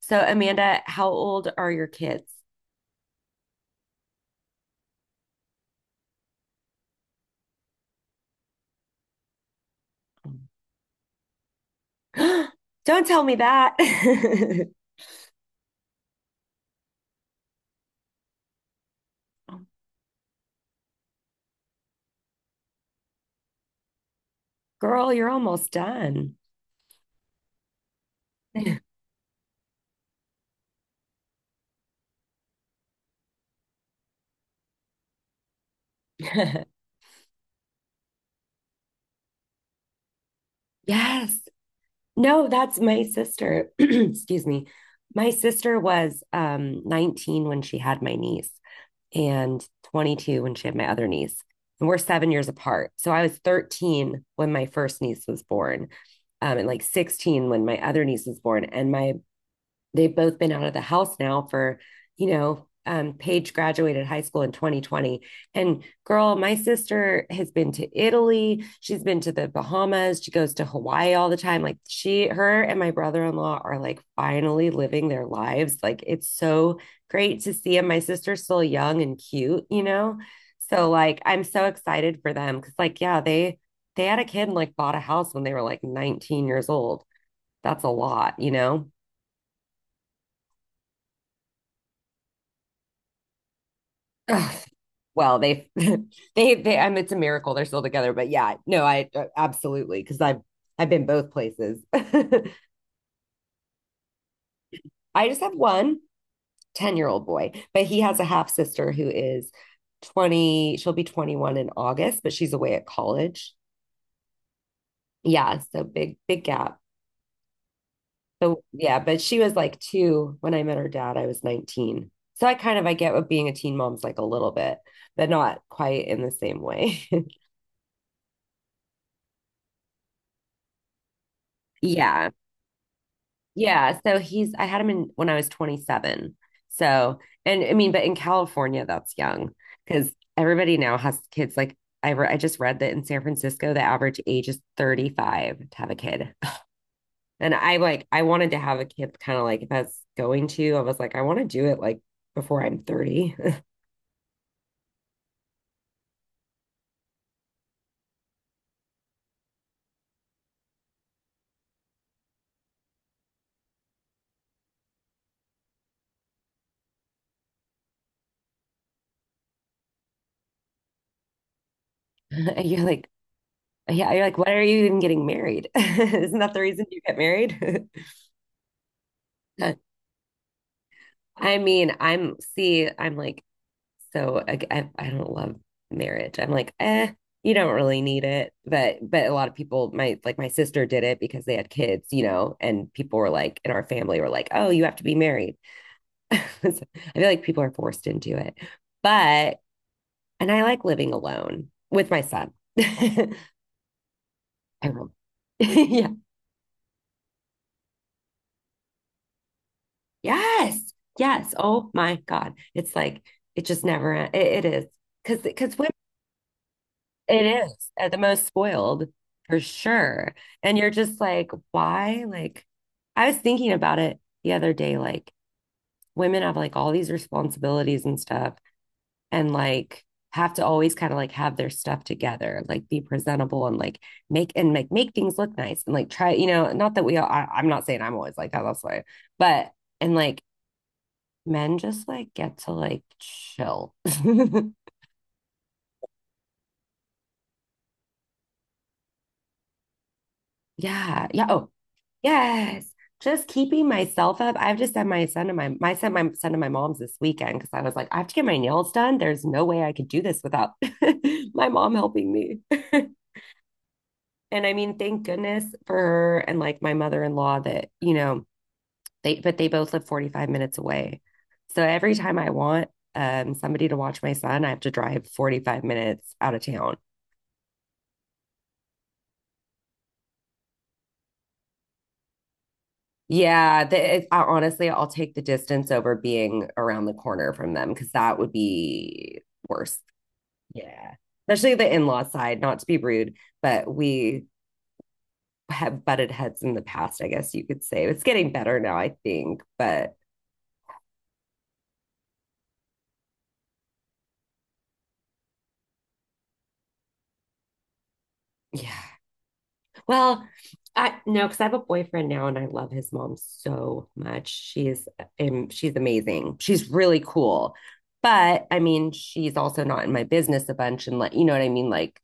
So, Amanda, how old are your kids? Don't tell me that. Girl, you're almost done. Yes. No, that's my sister. Excuse me. My sister was 19 when she had my niece and 22 when she had my other niece. And we're 7 years apart. So I was 13 when my first niece was born, and like 16 when my other niece was born. And my they've both been out of the house now. Paige graduated high school in 2020. And girl, my sister has been to Italy. She's been to the Bahamas. She goes to Hawaii all the time. Like she, her, and my brother in law are like finally living their lives. Like it's so great to see them. My sister's still young and cute, you know? So like I'm so excited for them because like yeah they had a kid and like bought a house when they were like 19 years old. That's a lot, you know. Ugh, well, they they I mean, it's a miracle they're still together, but yeah, no, I absolutely, because I've been both places. I just have one 10-year old boy, but he has a half sister who is 20. She'll be 21 in August, but she's away at college. Yeah, so big big gap. So yeah, but she was like two when I met her dad. I was 19, so I kind of I get what being a teen mom's like, a little bit, but not quite in the same way. Yeah, yeah, so he's I had him in when I was 27. So, and I mean, but in California, that's young because everybody now has kids. Like I just read that in San Francisco, the average age is 35 to have a kid. And I wanted to have a kid kind of like, if I was going to, I was like, I want to do it like before I'm 30. And you're like, yeah, you're like, why are you even getting married? Isn't that the reason you get married? I mean, I'm see, I'm like so I don't love marriage. I'm like, eh, you don't really need it. But a lot of people, my sister did it because they had kids, you know, and people were like in our family were like, oh, you have to be married. So I feel like people are forced into it. But and I like living alone with my son. I will. Yeah. Yes. Yes. Oh my God. It's like it just never it, it is. Cause because it is at the most spoiled, for sure. And you're just like, why? Like, I was thinking about it the other day. Like, women have like all these responsibilities and stuff, and like have to always kind of like have their stuff together, like be presentable, and like make things look nice, and like try, you know, not that we all, I'm not saying I'm always like that, that's why, but and like men just like get to like chill. Yeah. Yeah. Oh, yes. Just keeping myself up. I have just sent my son to my mom's this weekend because I was like, I have to get my nails done. There's no way I could do this without my mom helping me. And I mean, thank goodness for her and like my mother-in-law, that, you know, they both live 45 minutes away. So every time I want somebody to watch my son, I have to drive 45 minutes out of town. Yeah, honestly, I'll take the distance over being around the corner from them because that would be worse. Yeah. Especially the in-law side, not to be rude, but we have butted heads in the past, I guess you could say. It's getting better now, I think, but yeah. Well, I no, because I have a boyfriend now and I love his mom so much. She's amazing. She's really cool. But I mean, she's also not in my business a bunch, and like, you know what I mean? Like,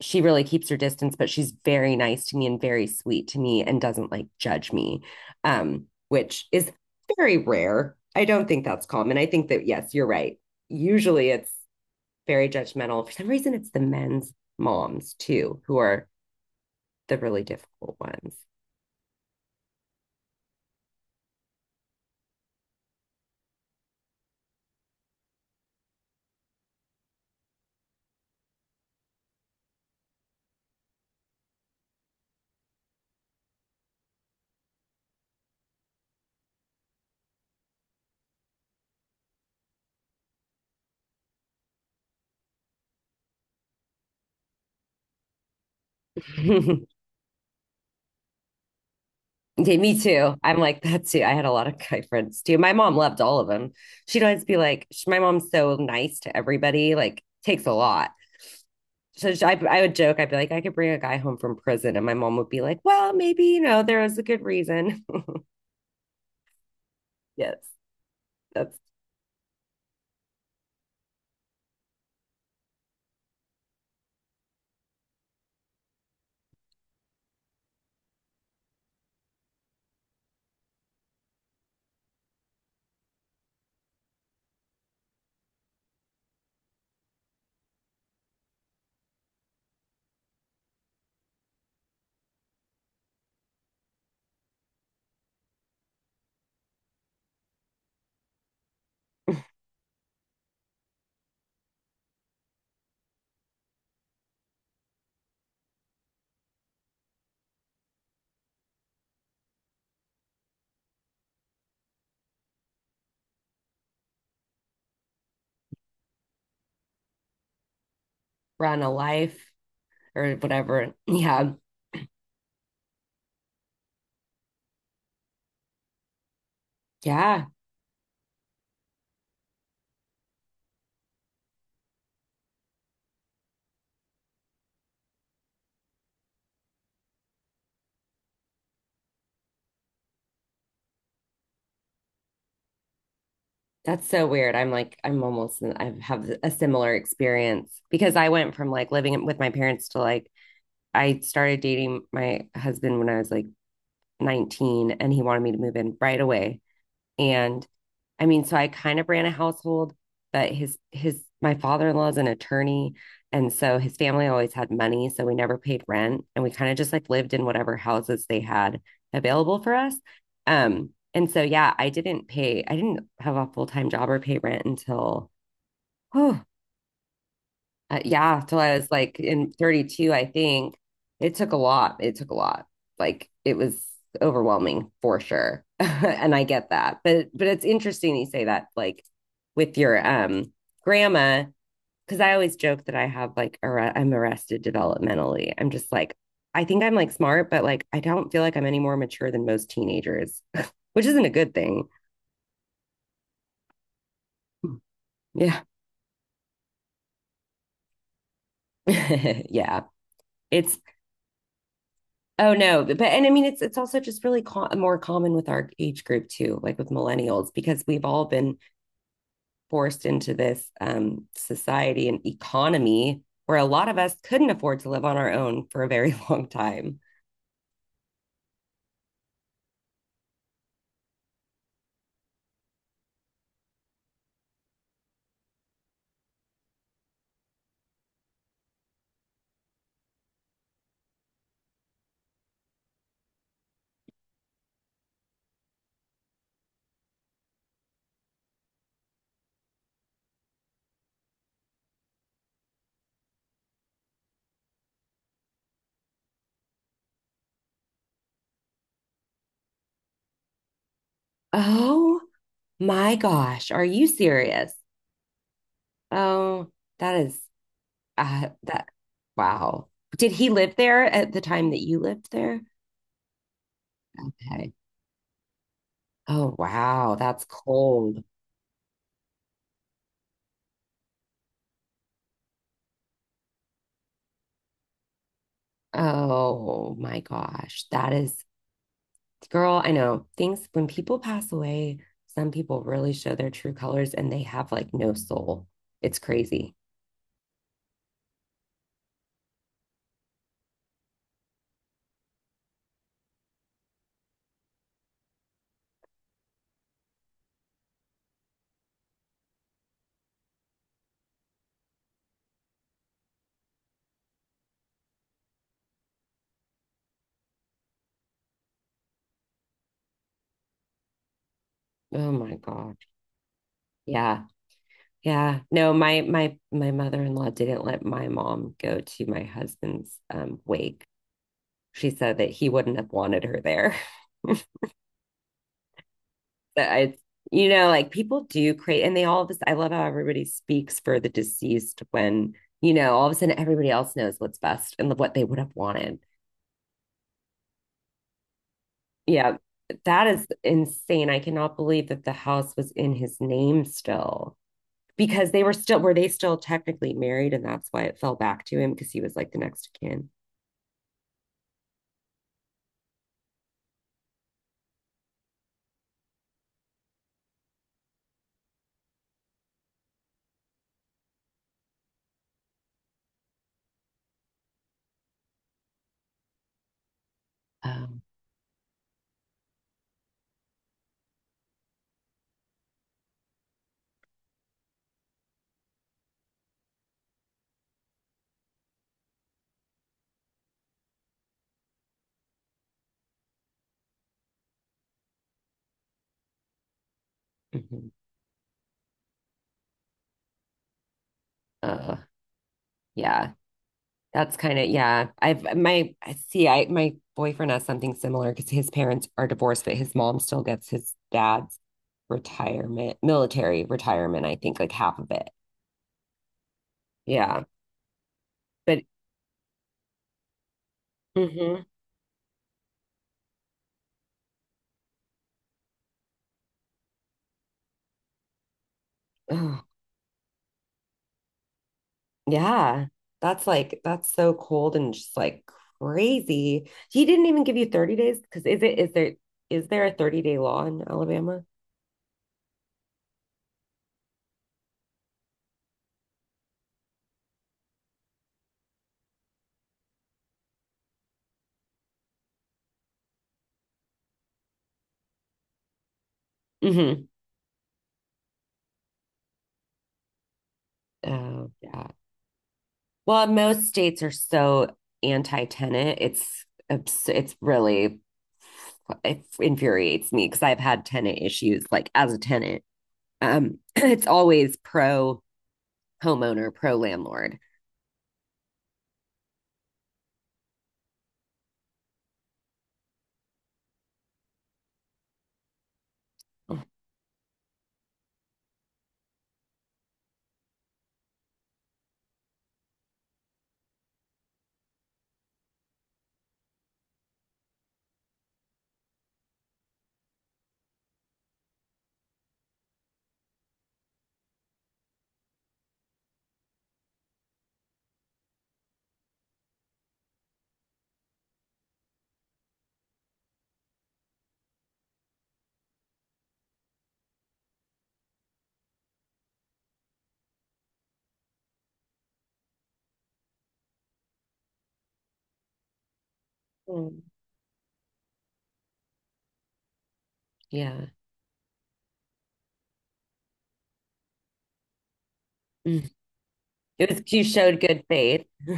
she really keeps her distance, but she's very nice to me and very sweet to me and doesn't like judge me. Which is very rare. I don't think that's common. I think that, yes, you're right. Usually it's very judgmental. For some reason, it's the men's moms too who are the really difficult ones. Okay, me too. I'm like that too. I had a lot of guy friends too. My mom loved all of them. She'd always be like, my mom's so nice to everybody, like, takes a lot. So I would joke, I'd be like, I could bring a guy home from prison. And my mom would be like, well, maybe, you know, there was a good reason. Yes, that's run a life or whatever. Yeah. Yeah. That's so weird. I'm like, I'm almost, I have a similar experience because I went from like living with my parents to like I started dating my husband when I was like 19, and he wanted me to move in right away. And I mean, so I kind of ran a household, but his my father-in-law is an attorney, and so his family always had money, so we never paid rent, and we kind of just like lived in whatever houses they had available for us. And so yeah, I didn't have a full-time job or pay rent until oh, yeah, till I was like in 32, I think. It took a lot. It took a lot. Like, it was overwhelming for sure. And I get that. But it's interesting you say that, like with your grandma, because I always joke that I have like I'm arrested developmentally. I'm just like, I think I'm like smart, but like I don't feel like I'm any more mature than most teenagers, which isn't a good thing. Hmm. Yeah. Yeah. It's Oh no, but and I mean it's also just really co more common with our age group too, like with millennials, because we've all been forced into this society and economy where a lot of us couldn't afford to live on our own for a very long time. Oh my gosh, are you serious? Oh, that is that wow. Did he live there at the time that you lived there? Okay. Oh wow, that's cold. Oh my gosh, that is girl, I know, things when people pass away, some people really show their true colors and they have like no soul. It's crazy. Oh my God. Yeah. Yeah. No, my mother-in-law didn't let my mom go to my husband's wake. She said that he wouldn't have wanted her there. But like, people do create and they all of this. I love how everybody speaks for the deceased when, all of a sudden everybody else knows what's best and what they would have wanted. Yeah, that is insane. I cannot believe that the house was in his name still, because they were still were they still technically married, and that's why it fell back to him, because he was like the next of kin. Um, mhm. uh, yeah, that's kind of, yeah. I've my I see I My boyfriend has something similar, because his parents are divorced, but his mom still gets his dad's retirement, military retirement, I think, like half of it. Yeah, but hmm yeah, that's so cold and just like crazy. He didn't even give you 30 days, because is it is there a 30-day law in Alabama? Hmm. Oh yeah. Well, most states are so anti-tenant. It's abs- it's really it infuriates me because I've had tenant issues like as a tenant. It's always pro homeowner, pro landlord. Mm, yeah. Mm. It was, you showed good faith.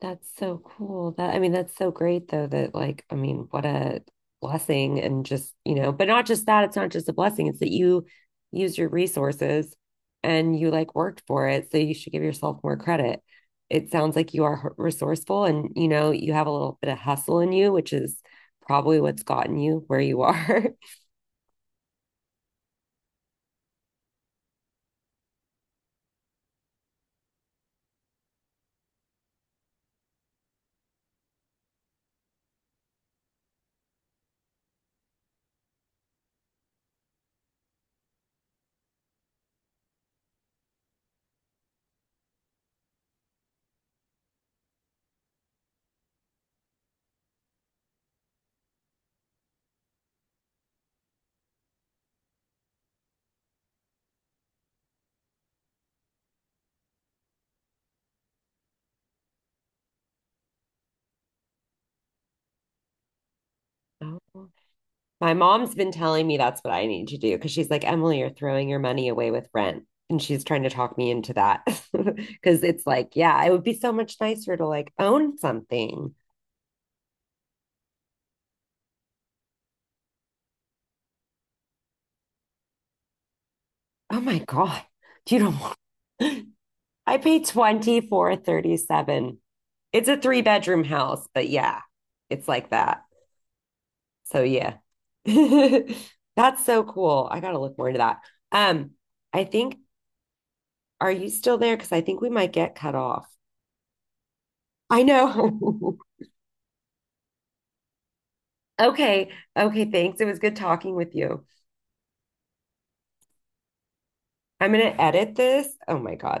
That's so cool. That I mean, that's so great though that, like, I mean, what a blessing, and just, you know, but not just that, it's not just a blessing, it's that you use your resources and you like worked for it, so you should give yourself more credit. It sounds like you are resourceful and, you know, you have a little bit of hustle in you, which is probably what's gotten you where you are. Oh. My mom's been telling me that's what I need to do, because she's like, Emily, you're throwing your money away with rent. And she's trying to talk me into that because it's like, yeah, it would be so much nicer to like own something. Oh my God. You don't want. I pay 2,437. It's a three-bedroom house, but yeah, it's like that. So yeah. That's so cool. I gotta look more into that. Um, I think, are you still there? Because I think we might get cut off. I know. Okay. Okay. Thanks. It was good talking with you. I'm going to edit this. Oh my God.